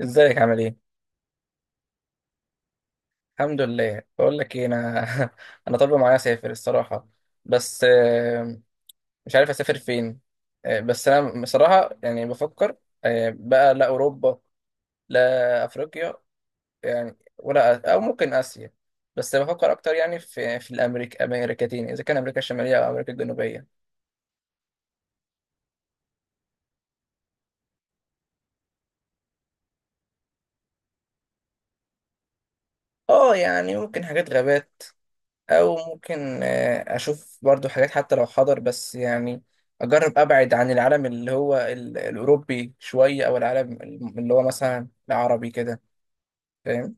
ازيك عامل ايه؟ الحمد لله، بقول لك ايه انا. انا طالب معايا اسافر الصراحه، بس مش عارف اسافر فين. بس انا بصراحه يعني بفكر. بقى لا اوروبا، لا افريقيا، يعني ولا ممكن اسيا. بس بفكر اكتر يعني في الامريكا، امريكتين، اذا كان امريكا الشماليه او امريكا الجنوبيه. اه، يعني ممكن حاجات غابات. او ممكن اشوف برضو حاجات حتى لو حضر، بس يعني اجرب ابعد عن العالم اللي هو الاوروبي شويه، او العالم اللي هو مثلا العربي كده، فاهم.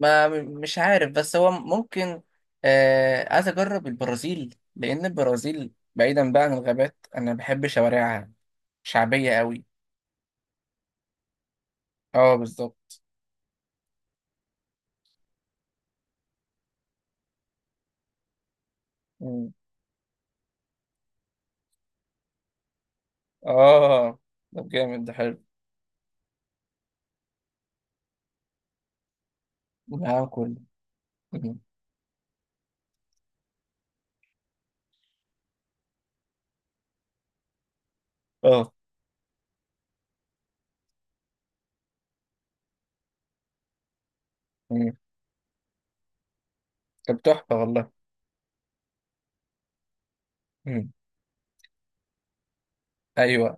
ما مش عارف، بس هو ممكن عايز اجرب البرازيل، لان البرازيل بعيدا بقى عن الغابات، انا بحب شوارعها، شعبيه قوي. اه، بالظبط. مم. اه، ده جامد، ده حلو. العالم كله. مم. اه. مم. طب تحفه والله. مم. ايوه.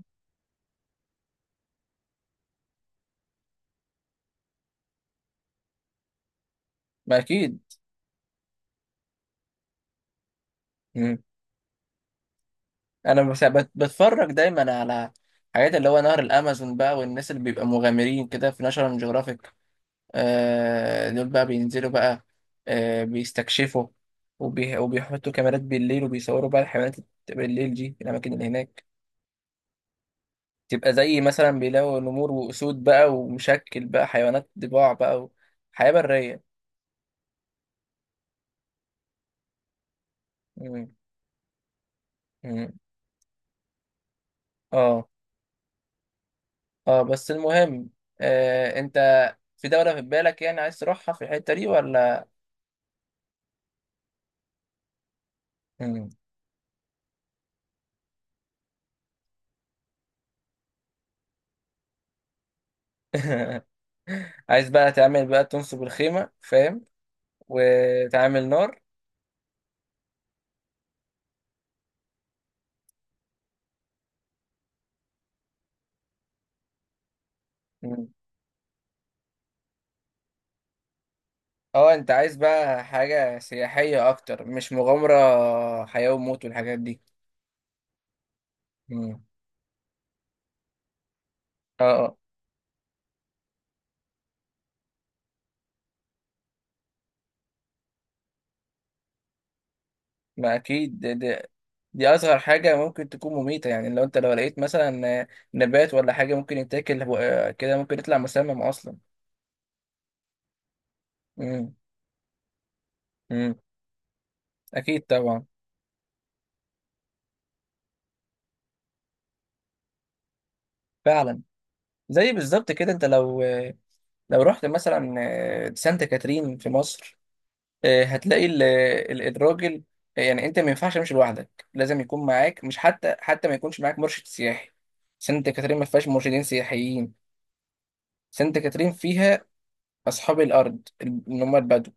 ما اكيد. مم. انا بتفرج دايما على حاجات اللي هو نهر الامازون بقى، والناس اللي بيبقى مغامرين كده في ناشونال جيوغرافيك. دول بقى بينزلوا بقى، بيستكشفوا، وبيحطوا كاميرات بالليل وبيصوروا بقى الحيوانات بالليل دي في الاماكن اللي هناك. تبقى زي مثلا بيلاقوا نمور واسود بقى، ومشكل بقى حيوانات ضباع بقى، وحياة برية. مم. مم. اه، اه. بس المهم، انت في دولة في بالك يعني عايز تروحها في الحتة دي ولا؟ مم. عايز بقى تعمل بقى تنصب الخيمة، فاهم، وتعمل نار. مم. اه، انت عايز بقى حاجة سياحية اكتر، مش مغامرة حياة وموت والحاجات دي. مم. اه، اه. ما اكيد، دي، دي اصغر حاجة ممكن تكون مميتة يعني. لو لقيت مثلا نبات ولا حاجة ممكن يتاكل، كده ممكن يطلع مسمم اصلا. مم. مم. اكيد طبعا. فعلا. زي بالظبط كده، انت لو رحت مثلا سانتا كاترين في مصر، هتلاقي الراجل يعني انت ما ينفعش تمشي لوحدك، لازم يكون معاك، مش حتى ما يكونش معاك مرشد سياحي. سانت كاترين ما فيهاش مرشدين سياحيين. سانت كاترين فيها اصحاب الارض اللي هم البدو.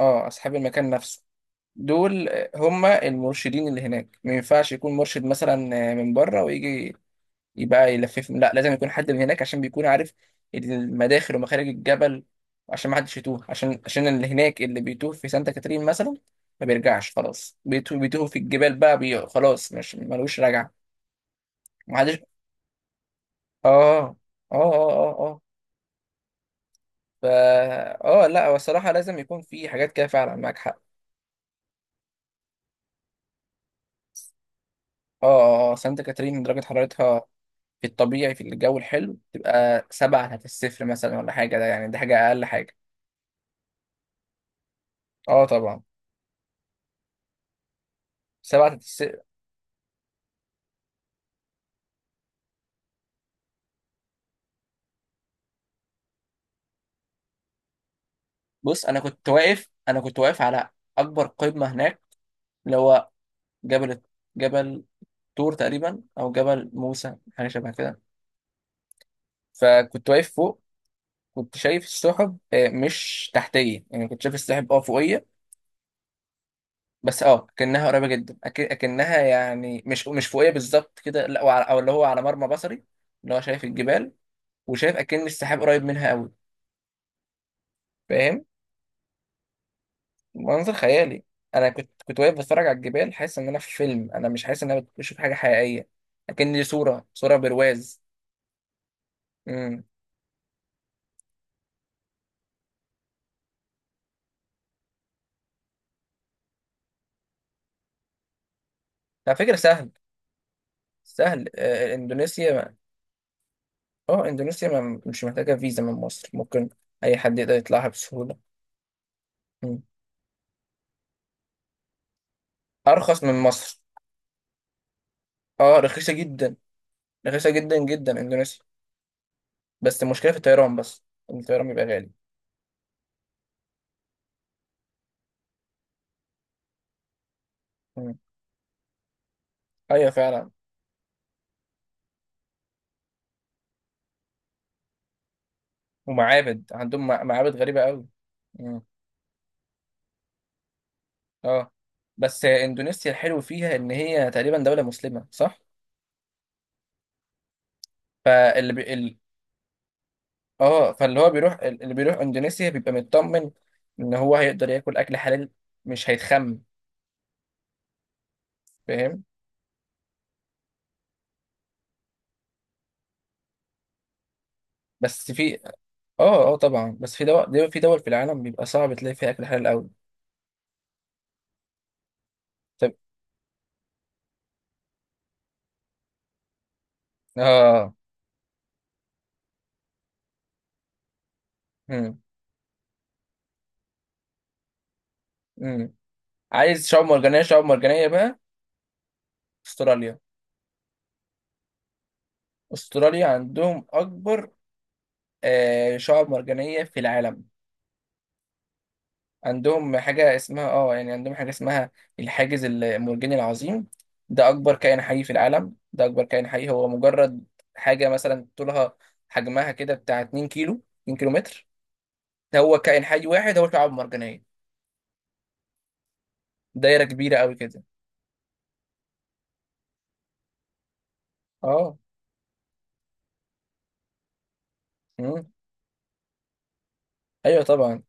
اه، اصحاب المكان نفسه. دول هم المرشدين اللي هناك. ما ينفعش يكون مرشد مثلا من بره ويجي يبقى يلففهم، لا، لازم يكون حد من هناك عشان بيكون عارف المداخل ومخارج الجبل، عشان ما حدش يتوه، عشان اللي هناك اللي بيتوه في سانتا كاترين مثلا ما بيرجعش، خلاص بيتوه، بيتوه في الجبال بقى، خلاص مش ملوش رجعة. ما حدش. اه، اه، اه، اه. اه. فا، اه، لا هو الصراحة لازم يكون في حاجات كده فعلا، معاك حق. اه، اه. سانتا كاترين درجة حرارتها في الطبيعي في الجو الحلو تبقى سبعة تحت الصفر مثلا، ولا حاجة، ده يعني ده حاجة أقل حاجة. اه طبعا. سبعة. بص انا كنت واقف على اكبر قمه هناك، اللي هو جبل جبل طور تقريبا، او جبل موسى، حاجه شبه كده. فكنت واقف فوق، كنت شايف السحب مش تحتيه، يعني كنت شايف السحب فوقيه، بس كأنها قريبه جدا، اكنها يعني مش فوقيه بالظبط كده لا، او اللي هو على مرمى بصري، اللي هو شايف الجبال، وشايف اكن السحاب قريب منها قوي، فاهم. منظر خيالي. انا كنت واقف بتفرج على الجبال، حاسس ان انا في فيلم، انا مش حاسس ان انا بشوف حاجه حقيقيه، لكن دي صوره، صوره برواز. امم. على فكره سهل، سهل اندونيسيا ما. اه، اندونيسيا ما مش محتاجه فيزا من مصر، ممكن اي حد يقدر يطلعها بسهوله. مم. ارخص من مصر. اه، رخيصه جدا، رخيصه جدا جدا اندونيسيا. بس المشكله في الطيران بس، إن الطيران بيبقى غالي. مم. ايوه فعلا. ومعابد عندهم، معابد غريبه قوي. اه، بس اندونيسيا الحلو فيها ان هي تقريبا دولة مسلمة، صح. فاللي بي... ال... اه، فاللي هو بيروح اللي بيروح اندونيسيا بيبقى مطمن ان هو هيقدر ياكل اكل حلال، مش هيتخم، فاهم. بس في، اه، اه، طبعا، بس في دول، في دول في العالم بيبقى صعب تلاقي فيها اكل حلال قوي. طب. اه. امم، امم. عايز شعاب مرجانية، شعاب مرجانية بقى استراليا. استراليا عندهم اكبر شعاب مرجانية في العالم. عندهم حاجة اسمها، الحاجز المرجاني العظيم، ده أكبر كائن حي في العالم. ده أكبر كائن حي، هو مجرد حاجة، مثلا طولها، حجمها كده بتاع 2 كيلو، 2 كيلو متر. ده هو كائن حي واحد، هو شعاب مرجانية، دايرة كبيرة أوي كده. اه، مم. أيوه طبعا.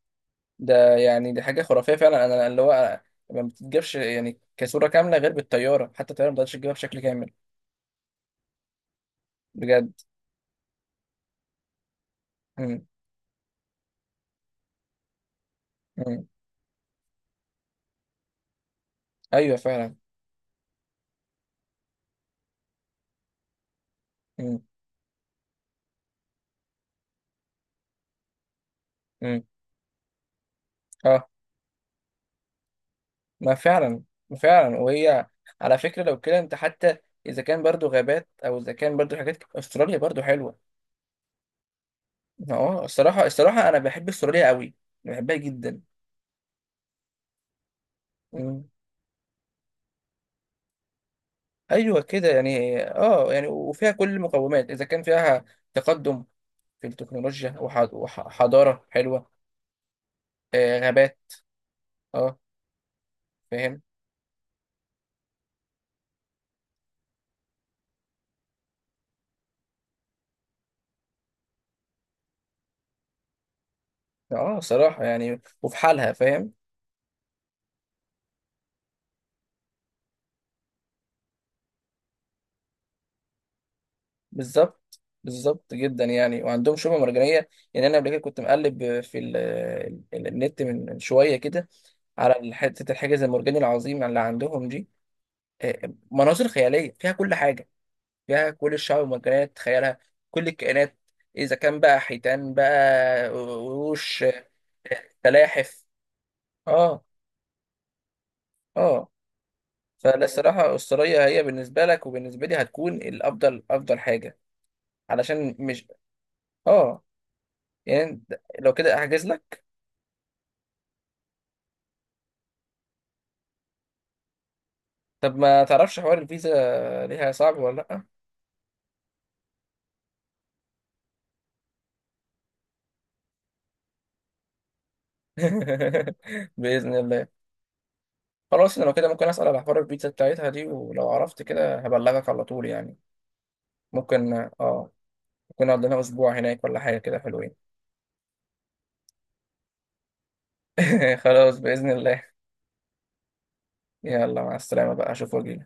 ده يعني دي حاجة خرافية فعلا، أنا اللي هو ما بتتجابش يعني كصورة كاملة غير بالطيارة، حتى الطيارة ما تقدرش تجيبها بشكل كامل. بجد. مم. مم. أيوه فعلا. مم. مم. اه. ما فعلا. ما فعلا، وهي على فكرة لو كده انت حتى، اذا كان برضو غابات، او اذا كان برضو حاجات، استراليا برضو حلوة. اه، الصراحة الصراحة انا بحب استراليا قوي، بحبها جدا. مم. ايوه كده يعني، يعني وفيها كل المقومات، اذا كان فيها تقدم في التكنولوجيا، وحضارة حلوة، غابات. اه. فاهم. اه صراحة، يعني وفي حالها، فاهم. بالظبط، بالظبط جدا، يعني وعندهم شعبة مرجانية. يعني أنا قبل كده كنت مقلب في ال النت من شوية كده على حتة الحاجز المرجاني العظيم اللي عندهم دي. مناظر خيالية فيها كل حاجة، فيها كل الشعب المرجانية تتخيلها، كل الكائنات، إذا كان بقى حيتان بقى، قروش، سلاحف. اه. اه. فلا الصراحة، أستراليا هي بالنسبة لك وبالنسبة لي هتكون الأفضل، أفضل حاجة، علشان مش، اه، يعني. لو كده أحجز لك. طب ما تعرفش حوار الفيزا ليها صعب ولا لأ؟ بإذن الله. خلاص، أنا لو كده ممكن أسأل على حوار الفيزا بتاعتها دي، ولو عرفت كده هبلغك على طول يعني. ممكن. آه ممكن نقعد لنا أسبوع هناك ولا حاجة كده، حلوين. خلاص بإذن الله. يلا مع السلامة بقى، أشوف وجهي.